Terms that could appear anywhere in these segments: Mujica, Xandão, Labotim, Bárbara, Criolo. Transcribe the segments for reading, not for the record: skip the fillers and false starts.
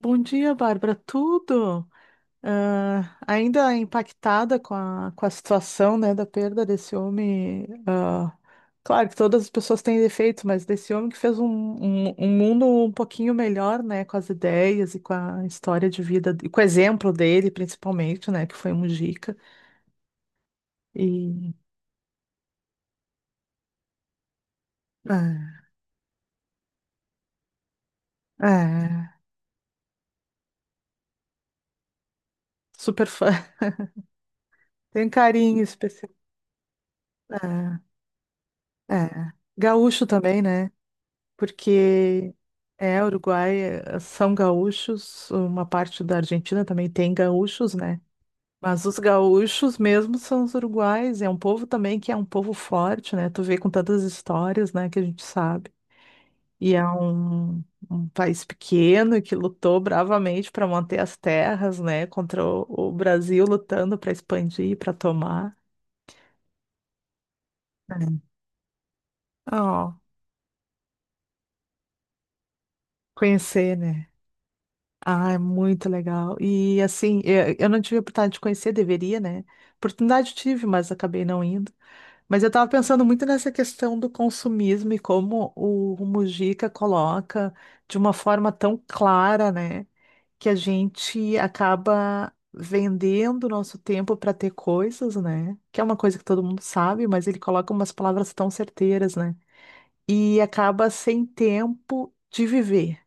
Bom dia, Bárbara. Tudo? Ah, ainda impactada com a situação, né, da perda desse homem. Claro que todas as pessoas têm defeitos, mas desse homem que fez um mundo um pouquinho melhor, né, com as ideias e com a história de vida, e com o exemplo dele, principalmente, né, que foi um Mujica. E ah, é, Super fã. Tem um carinho especial. É, é. Gaúcho também, né? Porque é Uruguai, são gaúchos, uma parte da Argentina também tem gaúchos, né? Mas os gaúchos mesmo são os uruguais, é um povo também que é um povo forte, né? Tu vê com tantas histórias, né, que a gente sabe. E é um país pequeno que lutou bravamente para manter as terras, né, contra o Brasil lutando para expandir, para tomar. É. Ó, conhecer, né? Ah, é muito legal. E assim, eu não tive a oportunidade de conhecer, deveria, né? Oportunidade tive, mas acabei não indo. Mas eu estava pensando muito nessa questão do consumismo e como o Mujica coloca de uma forma tão clara, né? Que a gente acaba vendendo o nosso tempo para ter coisas, né? Que é uma coisa que todo mundo sabe, mas ele coloca umas palavras tão certeiras, né? E acaba sem tempo de viver,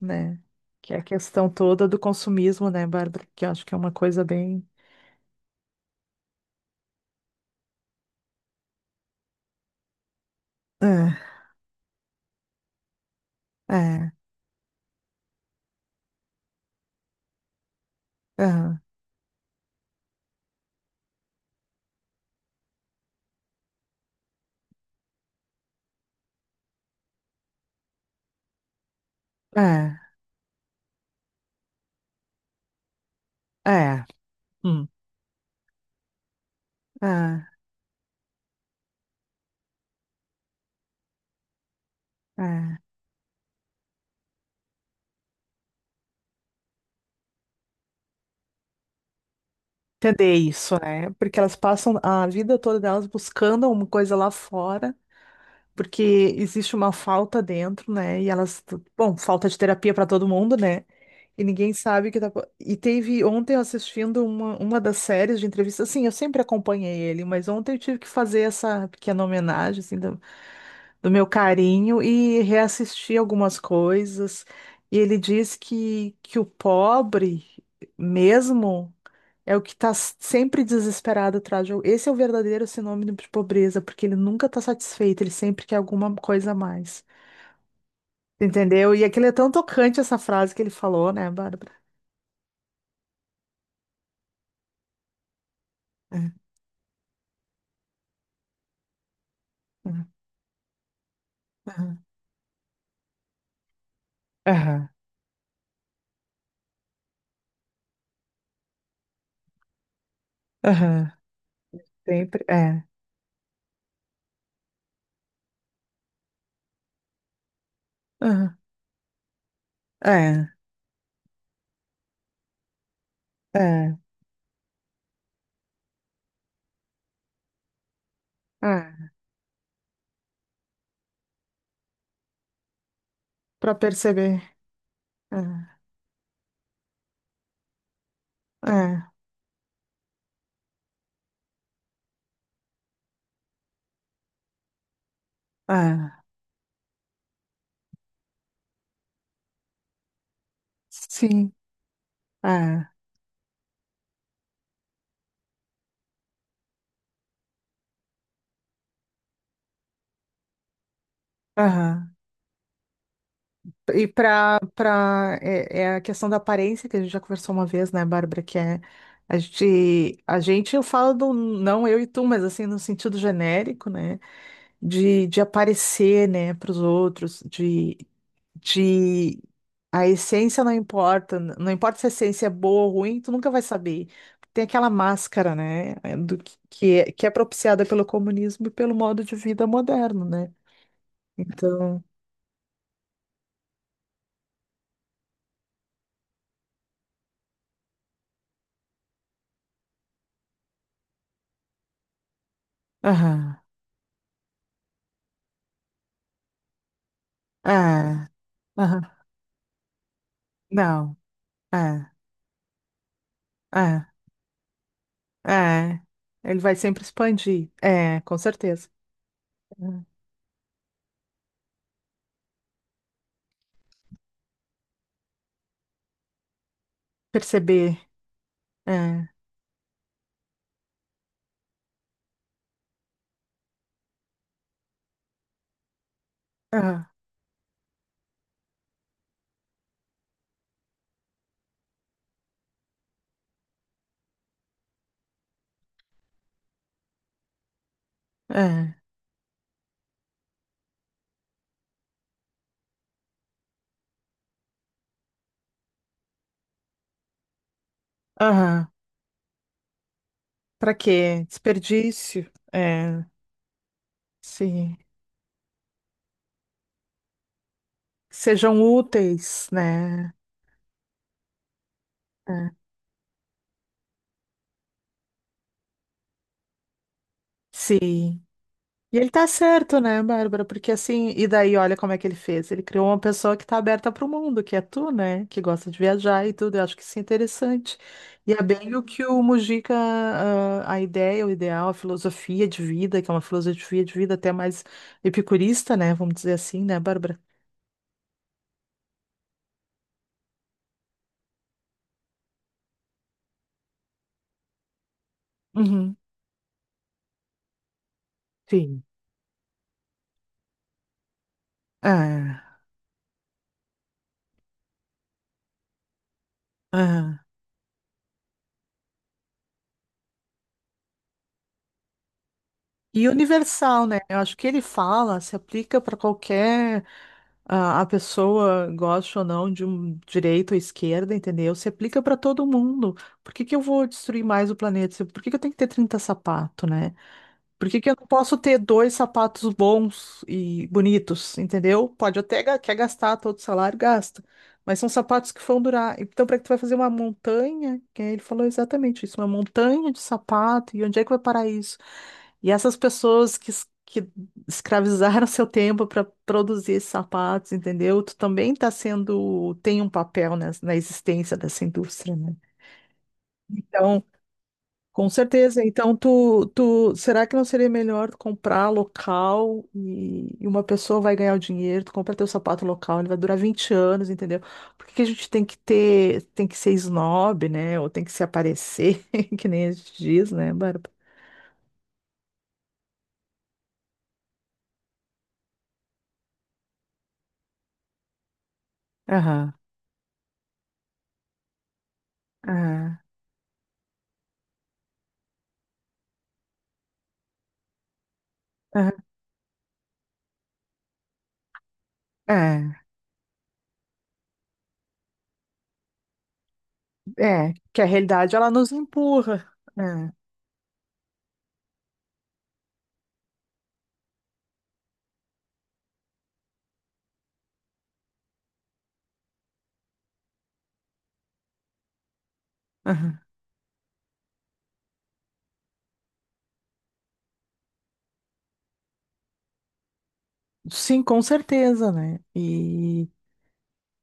né? Que é a questão toda do consumismo, né, Bárbara? Que eu acho que é uma coisa bem. É, é, é, é, é, hum, é, é. Entender isso, né? Porque elas passam a vida toda delas buscando uma coisa lá fora, porque existe uma falta dentro, né? E elas, bom, falta de terapia para todo mundo, né? E ninguém sabe o que tá. E teve ontem eu assistindo uma das séries de entrevistas. Assim, eu sempre acompanhei ele, mas ontem eu tive que fazer essa pequena homenagem, assim, do meu carinho e reassistir algumas coisas. E ele diz que o pobre mesmo é o que está sempre desesperado atrás de. Esse é o verdadeiro sinônimo de pobreza, porque ele nunca está satisfeito, ele sempre quer alguma coisa a mais. Entendeu? E aquilo é tão tocante essa frase que ele falou, né, Bárbara? É, é. Aham, aham, aham. Sempre é. Aham, é, é, é. Para perceber. É, é, é. Sim, é. Aham. E para é a questão da aparência que a gente já conversou uma vez, né, Bárbara, que é a gente eu falo do não eu e tu, mas assim no sentido genérico, né, de aparecer, né, para os outros, de a essência não importa, não importa se a essência é boa ou ruim, tu nunca vai saber. Tem aquela máscara, né, do que é propiciada pelo comunismo e pelo modo de vida moderno, né? Então, aham, ah, aham, não, ah, ah, ah, ele vai sempre expandir, é, com certeza. É. Perceber, é, ah, é, aham, para quê? Desperdício, é, sim, sejam úteis, né? É. Sim. E ele tá certo, né, Bárbara? Porque assim, e daí olha como é que ele fez. Ele criou uma pessoa que tá aberta para o mundo, que é tu, né? Que gosta de viajar e tudo. Eu acho que isso é interessante. E é bem o que o Mujica, ah, a ideia, o ideal, a filosofia de vida, que é uma filosofia de vida até mais epicurista, né? Vamos dizer assim, né, Bárbara? Uhum. Sim. É, é. E universal, né? Eu acho que ele fala, se aplica para qualquer a pessoa gosta ou não de um direito ou esquerda, entendeu? Se aplica para todo mundo. Por que que eu vou destruir mais o planeta? Por que que eu tenho que ter 30 sapatos, né? Por que que eu não posso ter dois sapatos bons e bonitos, entendeu? Pode até quer gastar todo o salário, gasta. Mas são sapatos que vão durar. Então, para que tu vai fazer uma montanha? Que ele falou exatamente isso, uma montanha de sapato. E onde é que vai parar isso? E essas pessoas que, que escravizaram seu tempo para produzir esses sapatos, entendeu? Tu também tá sendo, tem um papel na existência dessa indústria, né? Então, com certeza. Então, tu, será que não seria melhor tu comprar local e uma pessoa vai ganhar o dinheiro, tu compra teu sapato local, ele vai durar 20 anos, entendeu? Por que que a gente tem que ter, tem que ser snob, né? Ou tem que se aparecer, que nem a gente diz, né, Bárbara? Aham, aham, aham, é, é que a realidade ela nos empurra. É, aham. Sim, com certeza, né? E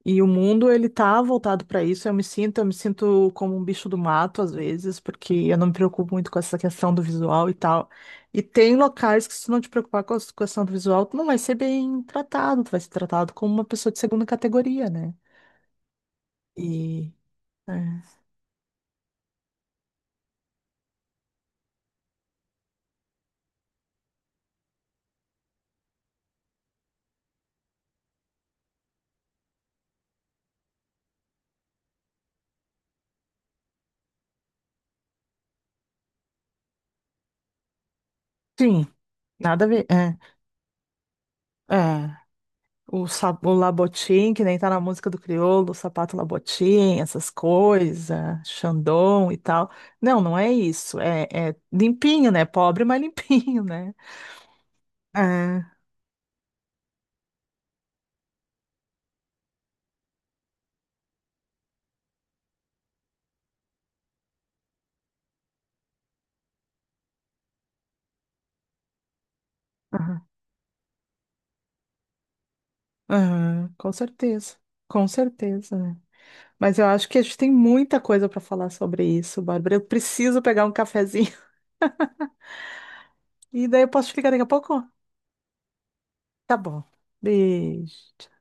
E o mundo, ele tá voltado para isso. Eu me sinto como um bicho do mato às vezes, porque eu não me preocupo muito com essa questão do visual e tal. E tem locais que se tu não te preocupar com a questão do visual, tu não vai ser bem tratado, tu vai ser tratado como uma pessoa de segunda categoria, né? E é. Sim, nada a ver. É, é. O Labotim, que nem tá na música do Criolo, o sapato Labotim, essas coisas, Xandão e tal. Não, não é isso. É, é limpinho, né? Pobre, mas limpinho, né? É, aham, aham, com certeza. Com certeza, né? Mas eu acho que a gente tem muita coisa para falar sobre isso, Bárbara. Eu preciso pegar um cafezinho. E daí eu posso te ligar daqui a pouco? Tá bom. Beijo.